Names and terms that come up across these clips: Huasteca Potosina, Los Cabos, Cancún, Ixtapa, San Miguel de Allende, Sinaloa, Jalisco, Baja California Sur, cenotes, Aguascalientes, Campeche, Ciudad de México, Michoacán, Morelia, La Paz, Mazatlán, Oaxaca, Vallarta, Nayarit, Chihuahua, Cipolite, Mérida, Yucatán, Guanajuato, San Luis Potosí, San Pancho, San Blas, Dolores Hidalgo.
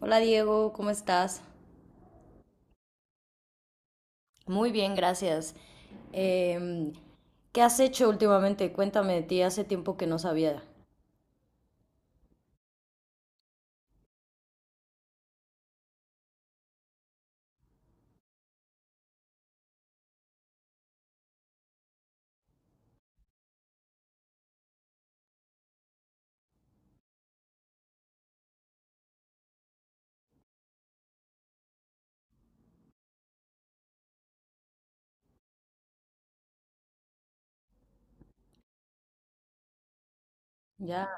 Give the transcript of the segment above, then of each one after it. Hola Diego, ¿cómo estás? Muy bien, gracias. Em, ¿Qué has hecho últimamente? Cuéntame de ti, hace tiempo que no sabía ya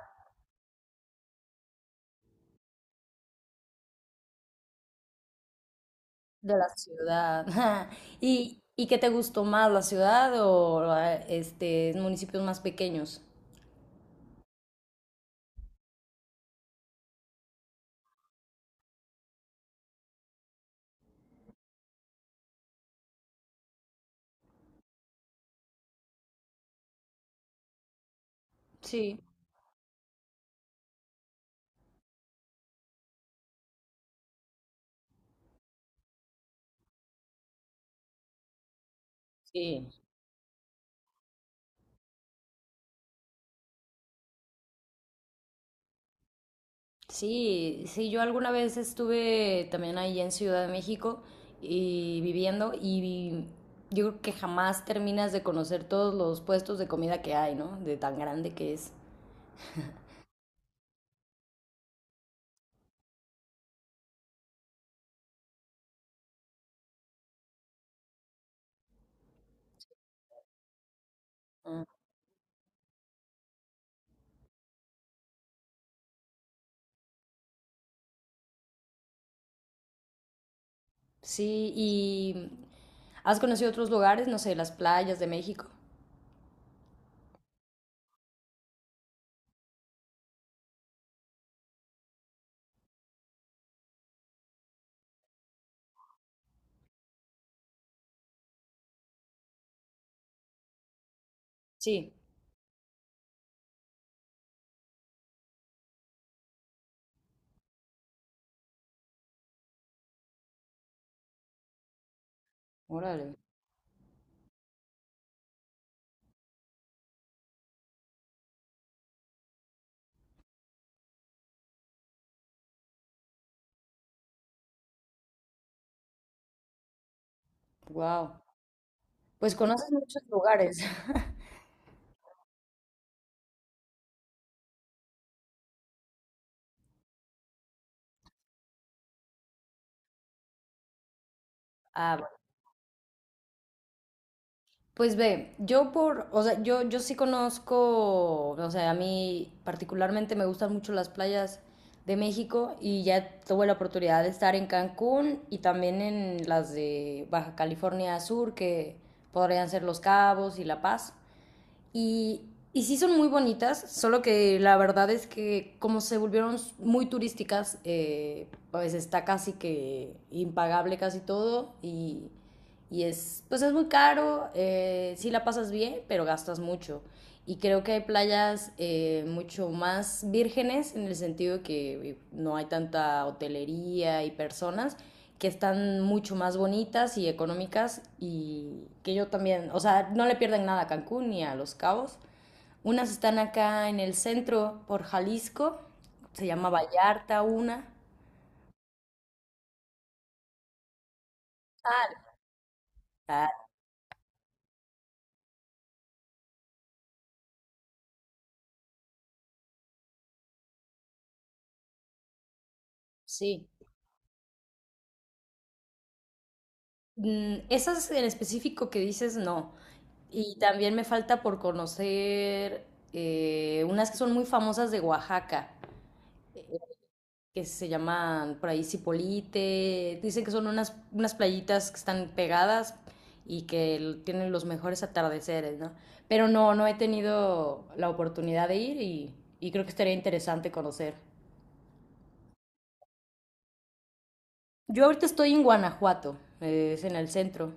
de la ciudad. ¿Y qué te gustó más, la ciudad o municipios más pequeños? Sí, sí, sí, yo alguna vez estuve también ahí en Ciudad de México y yo creo que jamás terminas de conocer todos los puestos de comida que hay, ¿no? De tan grande que es. Sí, ¿y has conocido otros lugares? No sé, las playas de México. Sí, órale, wow. Pues conoces muchos lugares. Ah, bueno. Pues ve, yo por, o sea, yo sí conozco, o sea, a mí particularmente me gustan mucho las playas de México y ya tuve la oportunidad de estar en Cancún y también en las de Baja California Sur, que podrían ser Los Cabos y La Paz. Y, y sí son muy bonitas, solo que la verdad es que como se volvieron muy turísticas, pues está casi que impagable casi todo y es, pues es muy caro, sí la pasas bien, pero gastas mucho. Y creo que hay playas mucho más vírgenes en el sentido que no hay tanta hotelería y personas que están mucho más bonitas y económicas y que yo también, o sea, no le pierden nada a Cancún ni a Los Cabos. Unas están acá en el centro por Jalisco, se llama Vallarta una. Ah, ah, sí. Mm, esas en específico que dices, no. Y también me falta por conocer unas que son muy famosas de Oaxaca, eh, que se llaman por ahí Cipolite. Dicen que son unas playitas que están pegadas y que tienen los mejores atardeceres, ¿no? Pero no, no he tenido la oportunidad de ir y creo que estaría interesante conocer. Yo ahorita estoy en Guanajuato, es en el centro.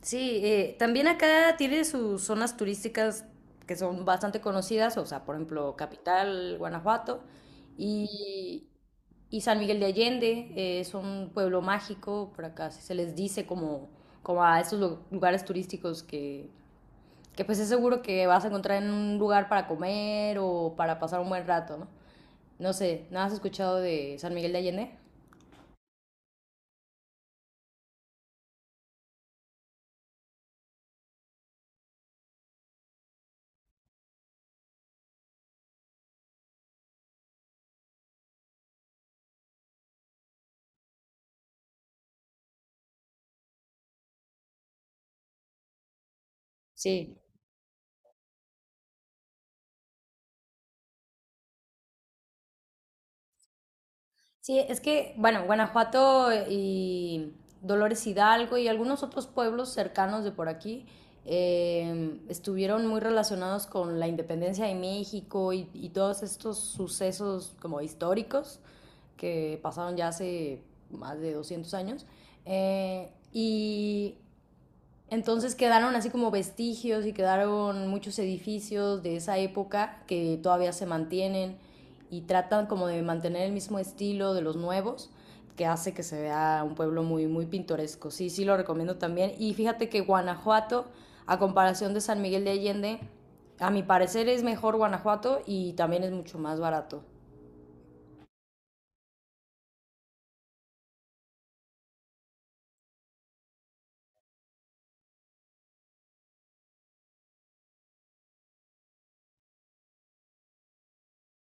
Sí, también acá tiene sus zonas turísticas que son bastante conocidas, o sea, por ejemplo, Capital, Guanajuato y, y San Miguel de Allende, es un pueblo mágico, por acá se les dice como, como a estos lugares turísticos que pues es seguro que vas a encontrar en un lugar para comer o para pasar un buen rato, ¿no? No sé, ¿no has escuchado de San Miguel de Allende? Sí. Sí, es que, bueno, Guanajuato y Dolores Hidalgo y algunos otros pueblos cercanos de por aquí estuvieron muy relacionados con la independencia de México y todos estos sucesos como históricos que pasaron ya hace más de 200 años. Y entonces quedaron así como vestigios y quedaron muchos edificios de esa época que todavía se mantienen y tratan como de mantener el mismo estilo de los nuevos que hace que se vea un pueblo muy muy pintoresco. Sí, sí lo recomiendo también y fíjate que Guanajuato a comparación de San Miguel de Allende, a mi parecer es mejor Guanajuato y también es mucho más barato.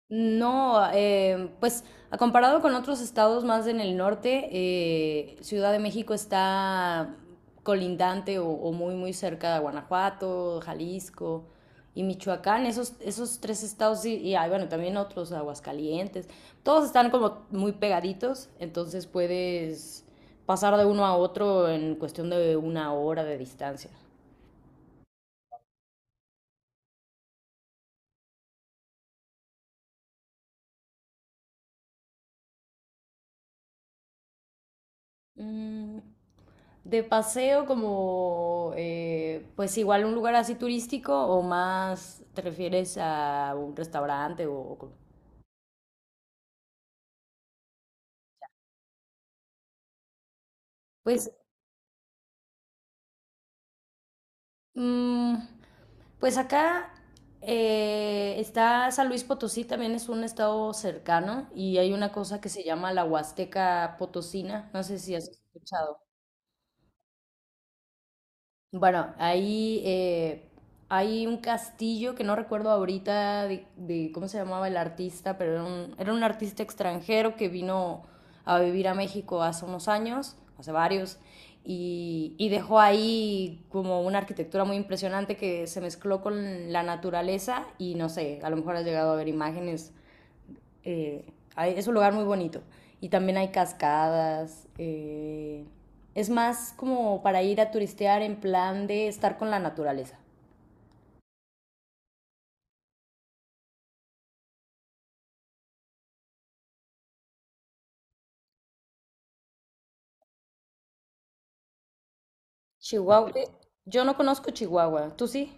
No, pues a comparado con otros estados más en el norte, Ciudad de México está colindante o muy muy cerca de Guanajuato, Jalisco y Michoacán. Esos tres estados y hay, bueno, también otros, Aguascalientes. Todos están como muy pegaditos, entonces puedes pasar de uno a otro en cuestión de una hora de distancia. Mm, de paseo como, pues igual un lugar así turístico o más te refieres a un restaurante Pues, mm, pues acá está San Luis Potosí, también es un estado cercano y hay una cosa que se llama la Huasteca Potosina, no sé si has escuchado. Bueno, ahí hay un castillo que no recuerdo ahorita de cómo se llamaba el artista, pero era un artista extranjero que vino a vivir a México hace unos años, hace varios, y dejó ahí como una arquitectura muy impresionante que se mezcló con la naturaleza y no sé, a lo mejor has llegado a ver imágenes eh, es un lugar muy bonito. Y también hay cascadas. Es más como para ir a turistear en plan de estar con la naturaleza. Chihuahua. Yo no conozco Chihuahua. ¿Tú sí?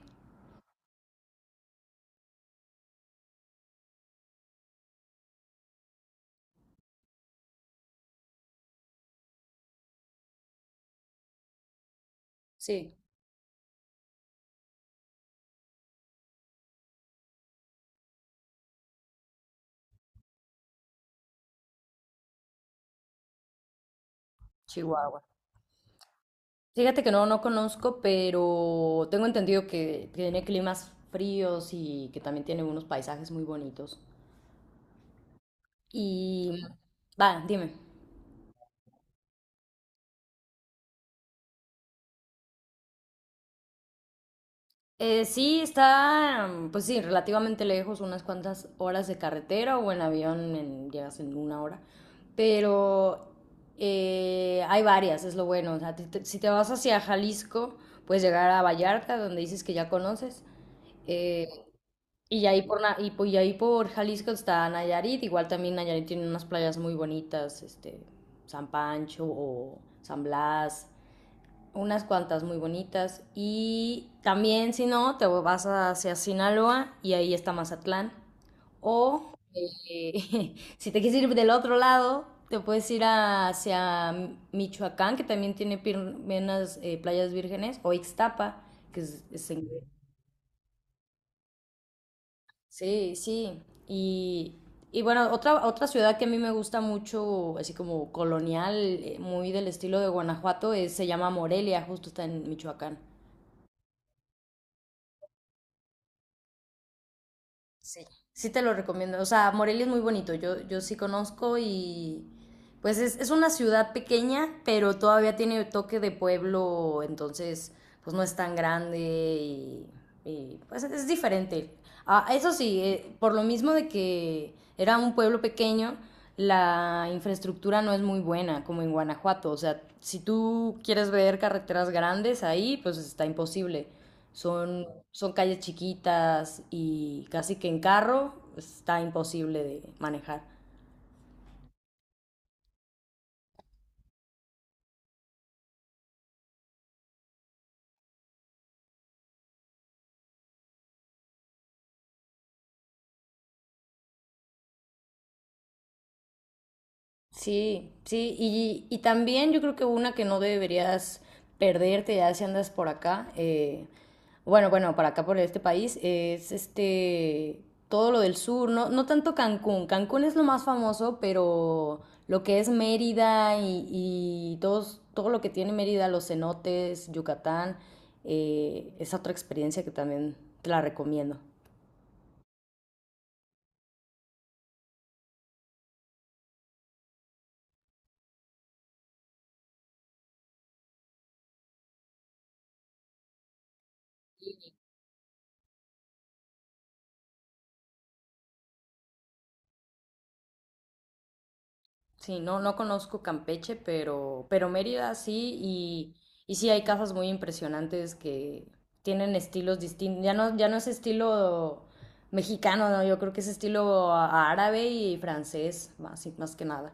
Sí, Chihuahua. Fíjate que no, no conozco, pero tengo entendido que tiene climas fríos y que también tiene unos paisajes muy bonitos. Y va, dime. Sí, está, mm, pues sí, relativamente lejos, unas cuantas horas de carretera o en avión llegas en una hora, pero hay varias, es lo bueno. O sea, si te vas hacia Jalisco, puedes llegar a Vallarta, donde dices que ya conoces, eh, y ahí por, y ahí por Jalisco está Nayarit, igual también Nayarit tiene unas playas muy bonitas, este, San Pancho o San Blas, unas cuantas muy bonitas. Y también, si no, te vas hacia Sinaloa y ahí está Mazatlán. O si te quieres ir del otro lado, te puedes ir hacia Michoacán, que también tiene unas playas vírgenes, o Ixtapa, que es en... Sí, sí. Y bueno, otra ciudad que a mí me gusta mucho, así como colonial, muy del estilo de Guanajuato, se llama Morelia, justo está en Michoacán. Sí. Sí te lo recomiendo. O sea, Morelia es muy bonito. Yo sí conozco y pues es una ciudad pequeña, pero todavía tiene toque de pueblo, entonces pues no es tan grande y, pues es diferente. Ah, eso sí, por lo mismo de que era un pueblo pequeño, la infraestructura no es muy buena como en Guanajuato. O sea, si tú quieres ver carreteras grandes ahí, pues está imposible. Son calles chiquitas y casi que en carro está imposible de manejar. Sí, sí, y también yo creo que una que no deberías perderte ya si andas por acá, bueno, para acá por este país, es este, todo lo del sur, no, no tanto Cancún, Cancún es lo más famoso, pero lo que es Mérida y todos, todo lo que tiene Mérida, los cenotes, Yucatán, es otra experiencia que también te la recomiendo. Sí, no, no conozco Campeche, pero Mérida sí, y sí hay casas muy impresionantes que tienen estilos distintos. Ya no, ya no es estilo mexicano, no, yo creo que es estilo árabe y francés, más, más que nada.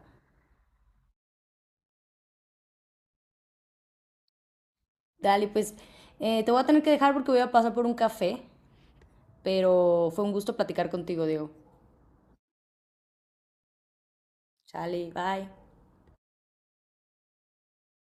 Dale, pues te voy a tener que dejar porque voy a pasar por un café, pero fue un gusto platicar contigo, Diego. Chale, bye.